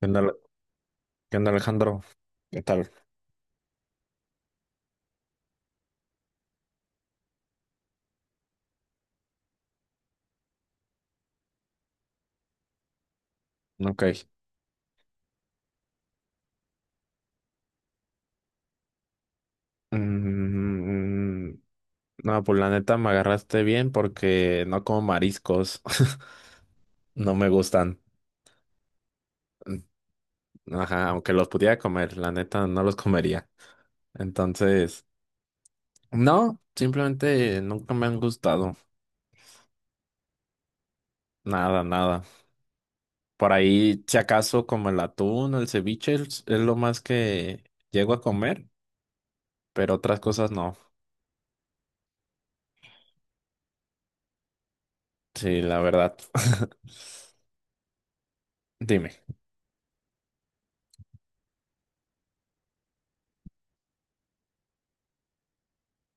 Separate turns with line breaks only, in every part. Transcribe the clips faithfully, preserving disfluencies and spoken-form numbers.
¿Qué onda, Ale- qué onda, Alejandro? ¿Qué tal? Ok. Mm, no, pues la neta me agarraste bien porque no como mariscos. No me gustan. Ajá, aunque los pudiera comer, la neta no los comería. Entonces, no, simplemente nunca me han gustado. Nada, nada. Por ahí, si acaso, como el atún, el ceviche, es es lo más que llego a comer, pero otras cosas no. Sí, la verdad. Dime,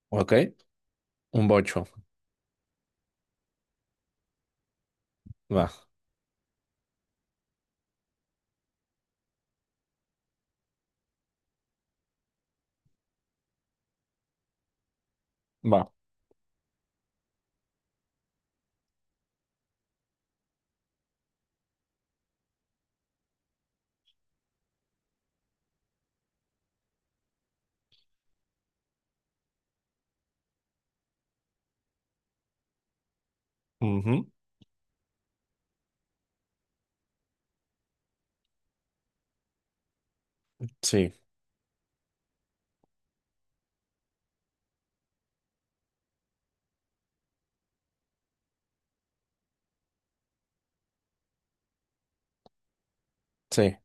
¿ok? Un bocho. Va. Va. Ujú. Sí, sí,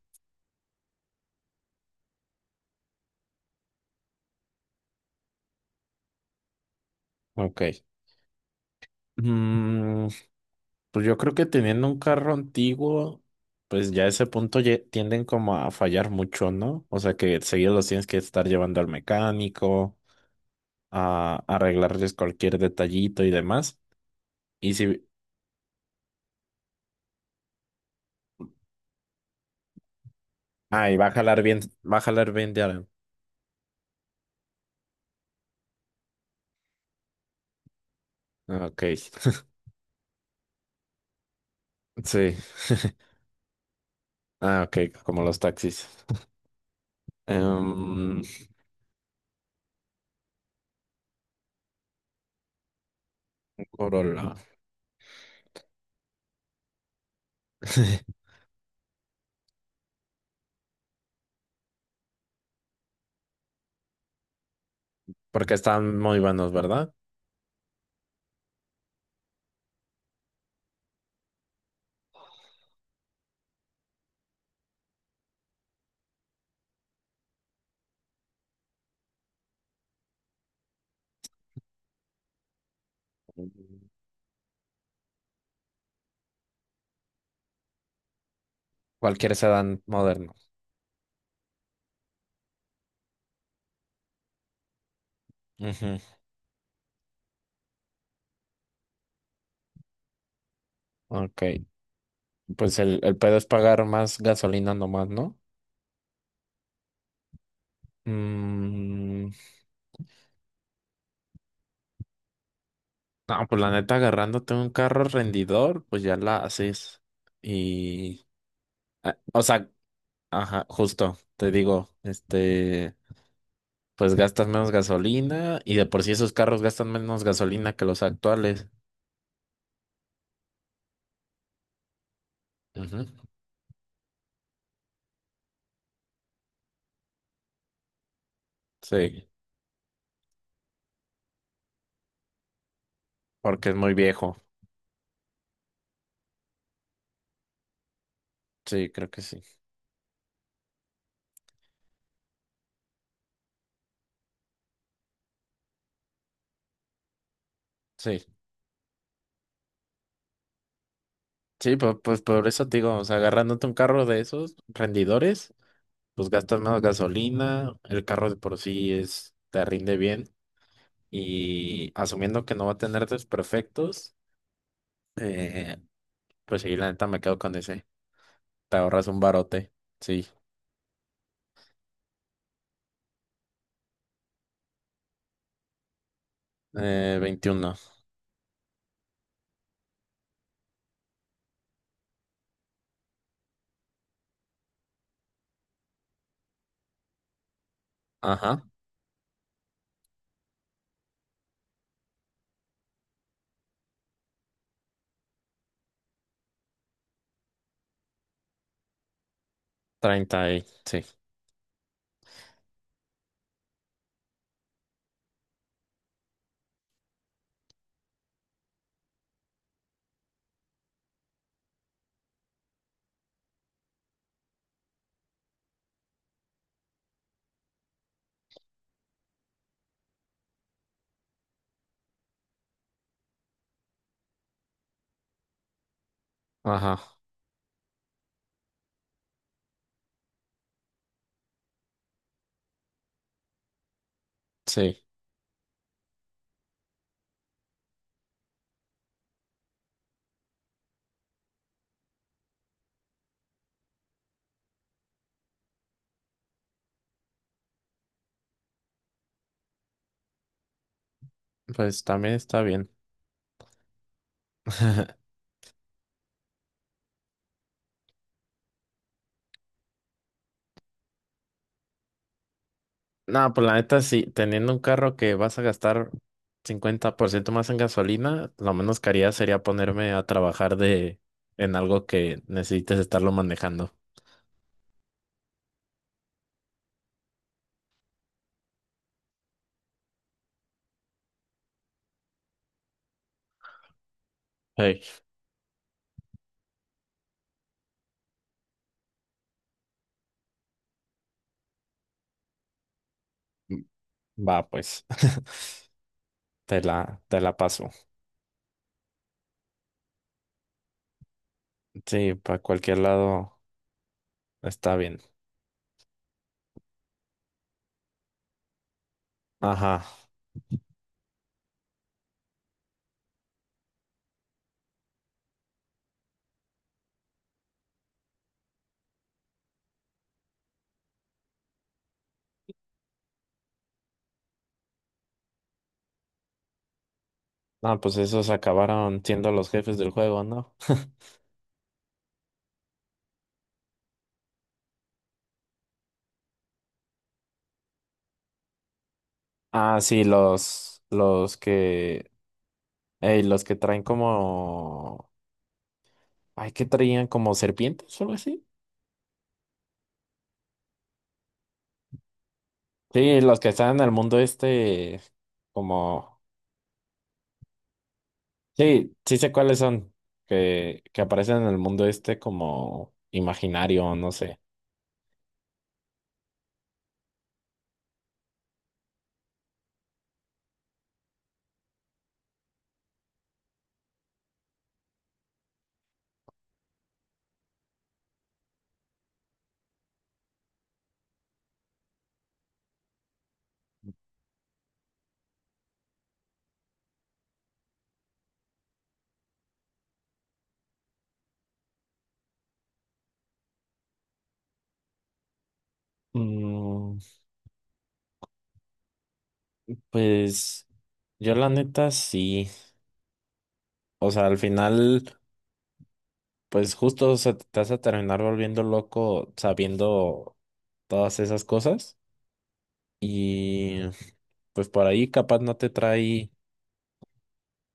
ok. Mm, pues yo creo que teniendo un carro antiguo, pues ya a ese punto ye- tienden como a fallar mucho, ¿no? O sea que seguido los tienes que estar llevando al mecánico, a arreglarles cualquier detallito y demás. Y si... Ah, y va a jalar bien, va a jalar bien de ara- Ah, ok, sí. Ah, ok, como los taxis. Em, Corolla. Porque están muy buenos, ¿verdad? Cualquier sedán moderno. Ujú. Ok, pues el, el pedo es pagar más gasolina nomás, ¿no? Mm, no, pues la neta, agarrándote un carro rendidor, pues ya la haces. Y, ah, o sea, ajá, justo, te digo, este, pues gastas menos gasolina y de por sí esos carros gastan menos gasolina que los actuales. Ujú. Sí, porque es muy viejo. Sí, creo que sí. Sí, sí, pues, pues por eso te digo, o sea, agarrándote un carro de esos rendidores. Pues gastas menos gasolina, el carro de por sí es, te rinde bien y asumiendo que no va a tener desperfectos, eh, pues sí, la neta me quedo con ese. Te ahorras un barote, sí. Eh, veintiuno, ajá, treinta y sí, ajá, sí, pues también está bien. No, pues la neta sí, teniendo un carro que vas a gastar cincuenta por ciento más en gasolina, lo menos que haría sería ponerme a trabajar de en algo que necesites estarlo manejando. Sí. Va, pues, te la, te la paso. Sí, para cualquier lado está bien. Ajá. Ah, pues esos acabaron siendo los jefes del juego, ¿no? Ah, sí, los, los que, ey, los que traen como, ay, qué traían como serpientes o algo así. Sí, los que están en el mundo este, como, sí, sí sé cuáles son, que, que aparecen en el mundo este como imaginario, no sé. Mm, Pues yo la neta sí, o sea, al final, pues justo o sea, te vas a terminar volviendo loco sabiendo todas esas cosas y pues por ahí capaz no te trae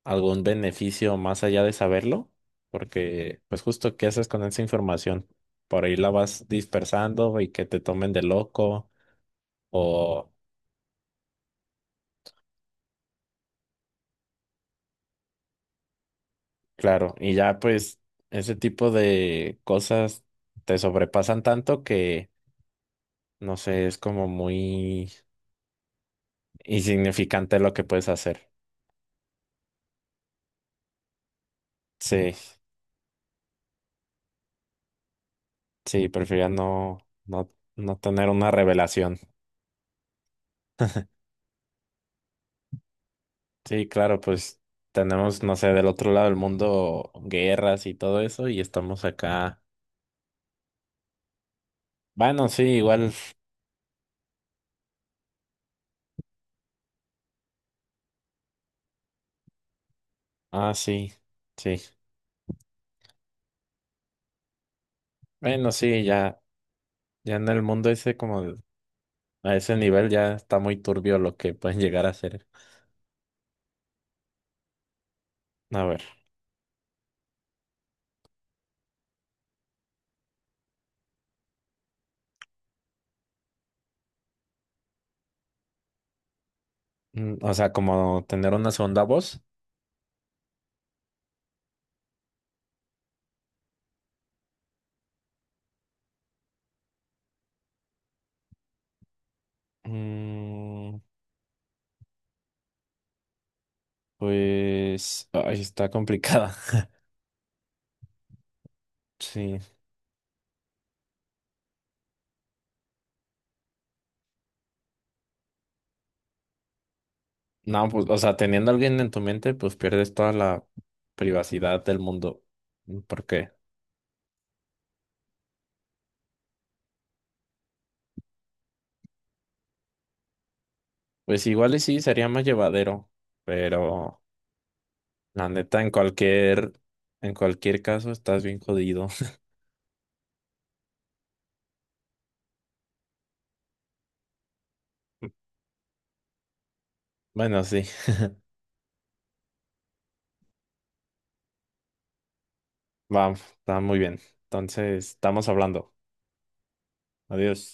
algún beneficio más allá de saberlo, porque pues justo qué haces con esa información, por ahí la vas dispersando y que te tomen de loco o claro, y ya pues ese tipo de cosas te sobrepasan tanto que no sé, es como muy insignificante lo que puedes hacer. Sí, sí, prefería no, no, no tener una revelación. Sí, claro, pues tenemos, no sé, del otro lado del mundo guerras y todo eso y estamos acá. Bueno, sí, igual. Ah, sí, sí. Bueno, sí, ya, ya en el mundo ese como de- a ese nivel ya está muy turbio lo que pueden llegar a hacer. A ver, mm, o sea, como tener una segunda voz. Mm, Pues, ay, está complicada. Sí. No, pues, o sea, teniendo a alguien en tu mente, pues pierdes toda la privacidad del mundo. ¿Por qué? Pues igual y sí, sería más llevadero, pero la neta, en cualquier, en cualquier caso, estás bien jodido. Bueno, sí, va, está muy bien. Entonces, estamos hablando. Adiós.